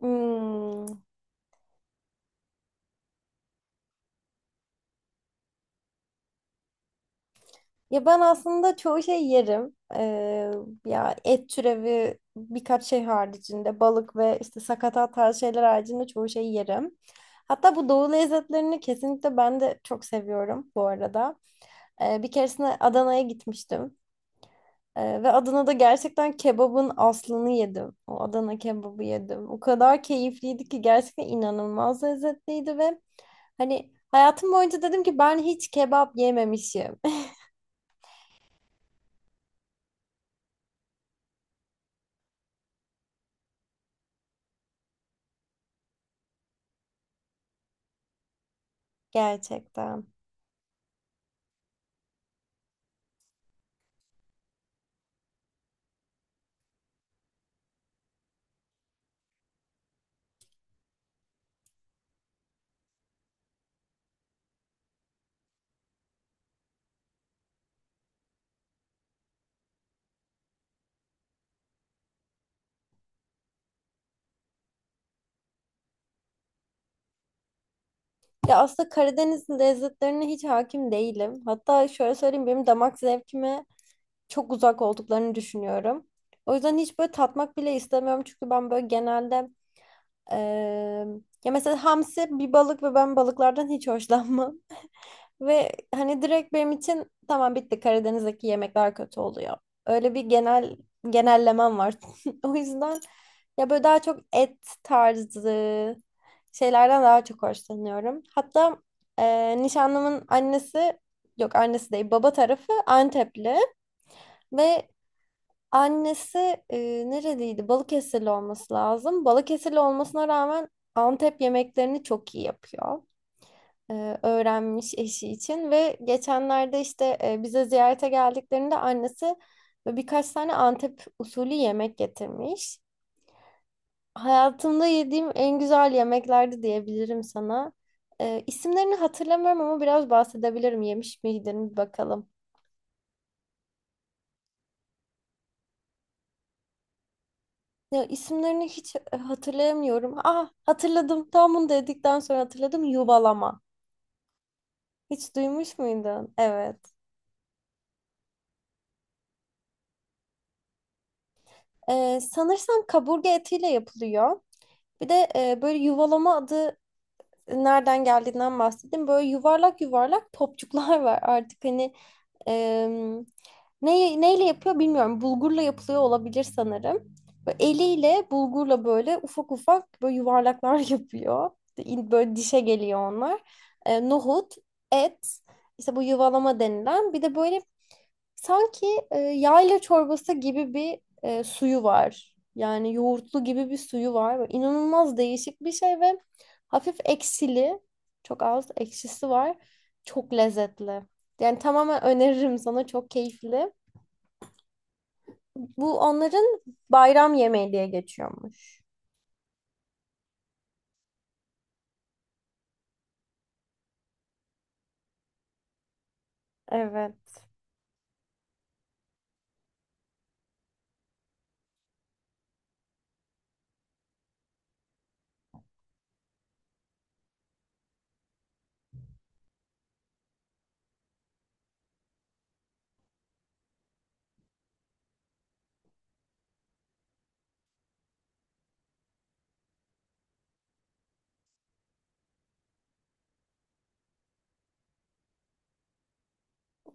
Hmm. Ya ben aslında çoğu şey yerim. Ya et türevi birkaç şey haricinde balık ve işte sakatat tarzı şeyler haricinde çoğu şey yerim. Hatta bu doğu lezzetlerini kesinlikle ben de çok seviyorum bu arada. Bir keresinde Adana'ya gitmiştim. Ve Adana'da gerçekten kebabın aslını yedim. O Adana kebabı yedim. O kadar keyifliydi ki gerçekten inanılmaz lezzetliydi ve hani hayatım boyunca dedim ki ben hiç kebap yememişim. Gerçekten. Ya aslında Karadeniz lezzetlerine hiç hakim değilim. Hatta şöyle söyleyeyim, benim damak zevkime çok uzak olduklarını düşünüyorum. O yüzden hiç böyle tatmak bile istemiyorum. Çünkü ben böyle genelde eee, ya mesela hamsi bir balık ve ben balıklardan hiç hoşlanmam. Ve hani direkt benim için tamam, bitti, Karadeniz'deki yemekler kötü oluyor. Öyle bir genel genellemem var. O yüzden ya böyle daha çok et tarzı şeylerden daha çok hoşlanıyorum. Hatta nişanlımın annesi, yok annesi değil, baba tarafı Antepli ve annesi e, nereliydi? Balıkesirli olması lazım. Balıkesirli olmasına rağmen Antep yemeklerini çok iyi yapıyor, öğrenmiş eşi için ve geçenlerde işte bize ziyarete geldiklerinde annesi böyle birkaç tane Antep usulü yemek getirmiş. Hayatımda yediğim en güzel yemeklerdi diyebilirim sana. İsimlerini hatırlamıyorum ama biraz bahsedebilirim. Yemiş miydin bir bakalım. Ya isimlerini hiç hatırlayamıyorum. Ah, hatırladım. Tam bunu dedikten sonra hatırladım. Yuvalama. Hiç duymuş muydun? Evet. Sanırsam kaburga etiyle yapılıyor. Bir de böyle yuvalama adı nereden geldiğinden bahsedeyim. Böyle yuvarlak yuvarlak topçuklar var artık hani, em, neyle yapıyor bilmiyorum. Bulgurla yapılıyor olabilir sanırım. Böyle eliyle bulgurla böyle ufak ufak böyle yuvarlaklar yapıyor. Böyle dişe geliyor onlar. Nohut, et, işte bu yuvalama denilen. Bir de böyle sanki yayla çorbası gibi bir suyu var. Yani yoğurtlu gibi bir suyu var. Böyle İnanılmaz değişik bir şey ve hafif ekşili. Çok az ekşisi var. Çok lezzetli. Yani tamamen öneririm sana. Çok keyifli. Bu onların bayram yemeği diye geçiyormuş. Evet.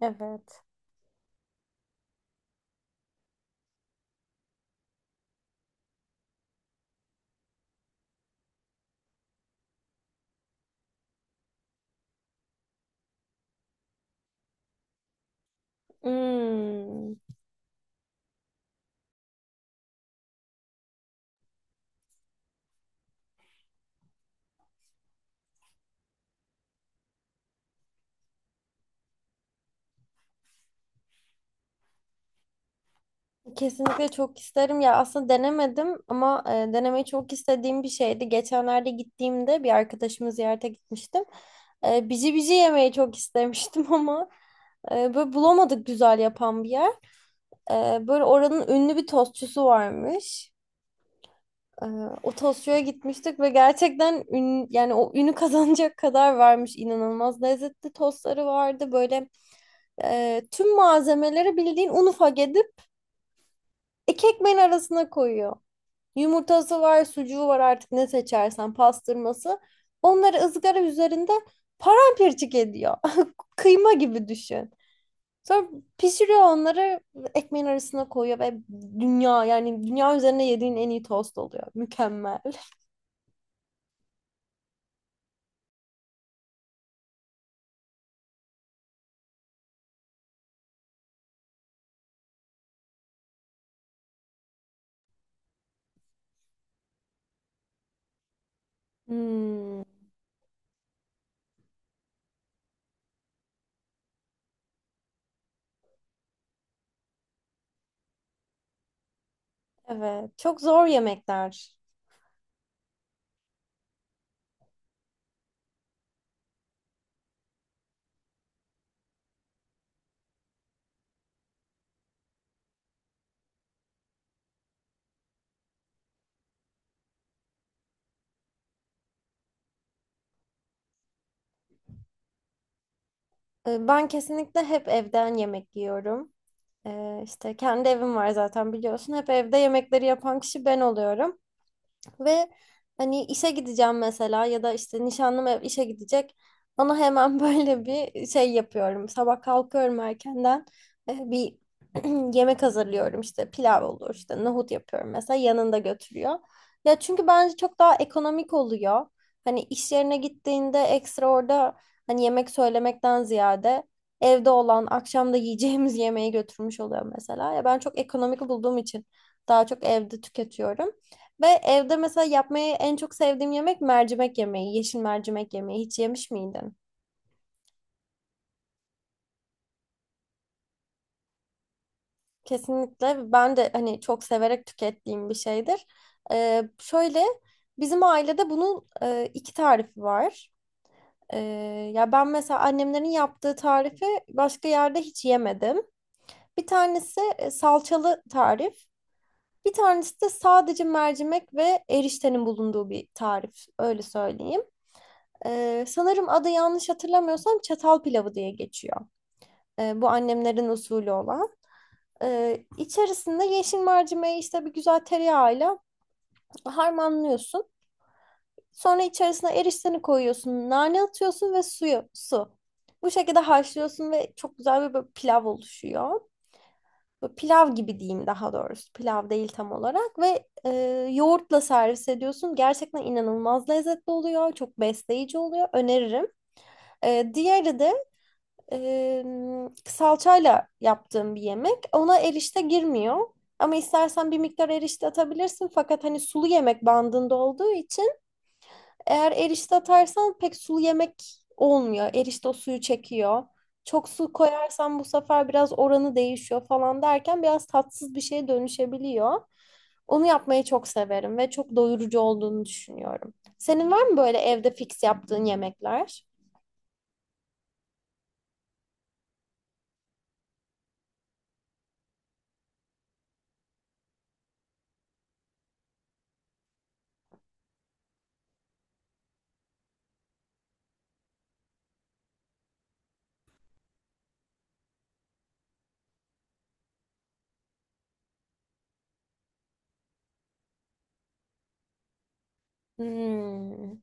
Evet. Hmm. Kesinlikle çok isterim ya, aslında denemedim ama denemeyi çok istediğim bir şeydi. Geçenlerde gittiğimde bir arkadaşımı ziyarete gitmiştim. Bici bici yemeyi çok istemiştim ama böyle bulamadık güzel yapan bir yer. Böyle oranın ünlü bir tostçusu varmış. E, O tostçuya gitmiştik ve gerçekten yani o ünü kazanacak kadar varmış, inanılmaz lezzetli tostları vardı. Böyle tüm malzemeleri bildiğin un ufak edip iki ekmeğin arasına koyuyor. Yumurtası var, sucuğu var, artık ne seçersen, pastırması. Onları ızgara üzerinde paramparçık ediyor. Kıyma gibi düşün. Sonra pişiriyor onları, ekmeğin arasına koyuyor ve dünya, yani dünya üzerine yediğin en iyi tost oluyor. Mükemmel. Hmm, evet. Çok zor yemekler. Ben kesinlikle hep evden yemek yiyorum. İşte kendi evim var zaten biliyorsun. Hep evde yemekleri yapan kişi ben oluyorum. Ve hani işe gideceğim mesela ya da işte nişanlım ev işe gidecek. Ona hemen böyle bir şey yapıyorum. Sabah kalkıyorum erkenden. Bir yemek hazırlıyorum, işte pilav olur, işte nohut yapıyorum mesela, yanında götürüyor. Ya çünkü bence çok daha ekonomik oluyor. Hani iş yerine gittiğinde ekstra orada hani yemek söylemekten ziyade evde olan, akşamda yiyeceğimiz yemeği götürmüş oluyor mesela. Ya ben çok ekonomik bulduğum için daha çok evde tüketiyorum. Ve evde mesela yapmayı en çok sevdiğim yemek mercimek yemeği, yeşil mercimek yemeği. Hiç yemiş miydin? Kesinlikle ben de hani çok severek tükettiğim bir şeydir. Şöyle, bizim ailede bunun iki tarifi var. Ya ben mesela annemlerin yaptığı tarifi başka yerde hiç yemedim. Bir tanesi salçalı tarif. Bir tanesi de sadece mercimek ve eriştenin bulunduğu bir tarif. Öyle söyleyeyim. Sanırım adı, yanlış hatırlamıyorsam, çatal pilavı diye geçiyor. Bu annemlerin usulü olan. İçerisinde yeşil mercimeği işte bir güzel tereyağıyla harmanlıyorsun. Sonra içerisine erişteni koyuyorsun, nane atıyorsun ve suyu, su. Bu şekilde haşlıyorsun ve çok güzel bir böyle pilav oluşuyor. Böyle pilav gibi diyeyim daha doğrusu. Pilav değil tam olarak ve yoğurtla servis ediyorsun. Gerçekten inanılmaz lezzetli oluyor. Çok besleyici oluyor. Öneririm. Diğeri de salçayla yaptığım bir yemek. Ona erişte girmiyor. Ama istersen bir miktar erişte atabilirsin. Fakat hani sulu yemek bandında olduğu için eğer erişte atarsan pek sulu yemek olmuyor. Erişte o suyu çekiyor. Çok su koyarsan bu sefer biraz oranı değişiyor falan derken biraz tatsız bir şeye dönüşebiliyor. Onu yapmayı çok severim ve çok doyurucu olduğunu düşünüyorum. Senin var mı böyle evde fix yaptığın yemekler? Hmm.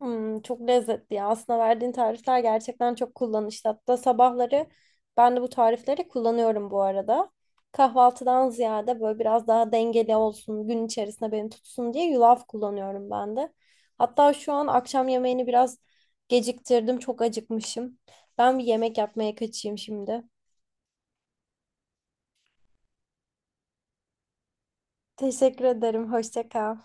Hmm, çok lezzetli ya. Aslında verdiğin tarifler gerçekten çok kullanışlı. Hatta sabahları ben de bu tarifleri kullanıyorum bu arada. Kahvaltıdan ziyade böyle biraz daha dengeli olsun, gün içerisinde beni tutsun diye yulaf kullanıyorum ben de. Hatta şu an akşam yemeğini biraz geciktirdim, çok acıkmışım. Ben bir yemek yapmaya kaçayım şimdi. Teşekkür ederim. Hoşça kal.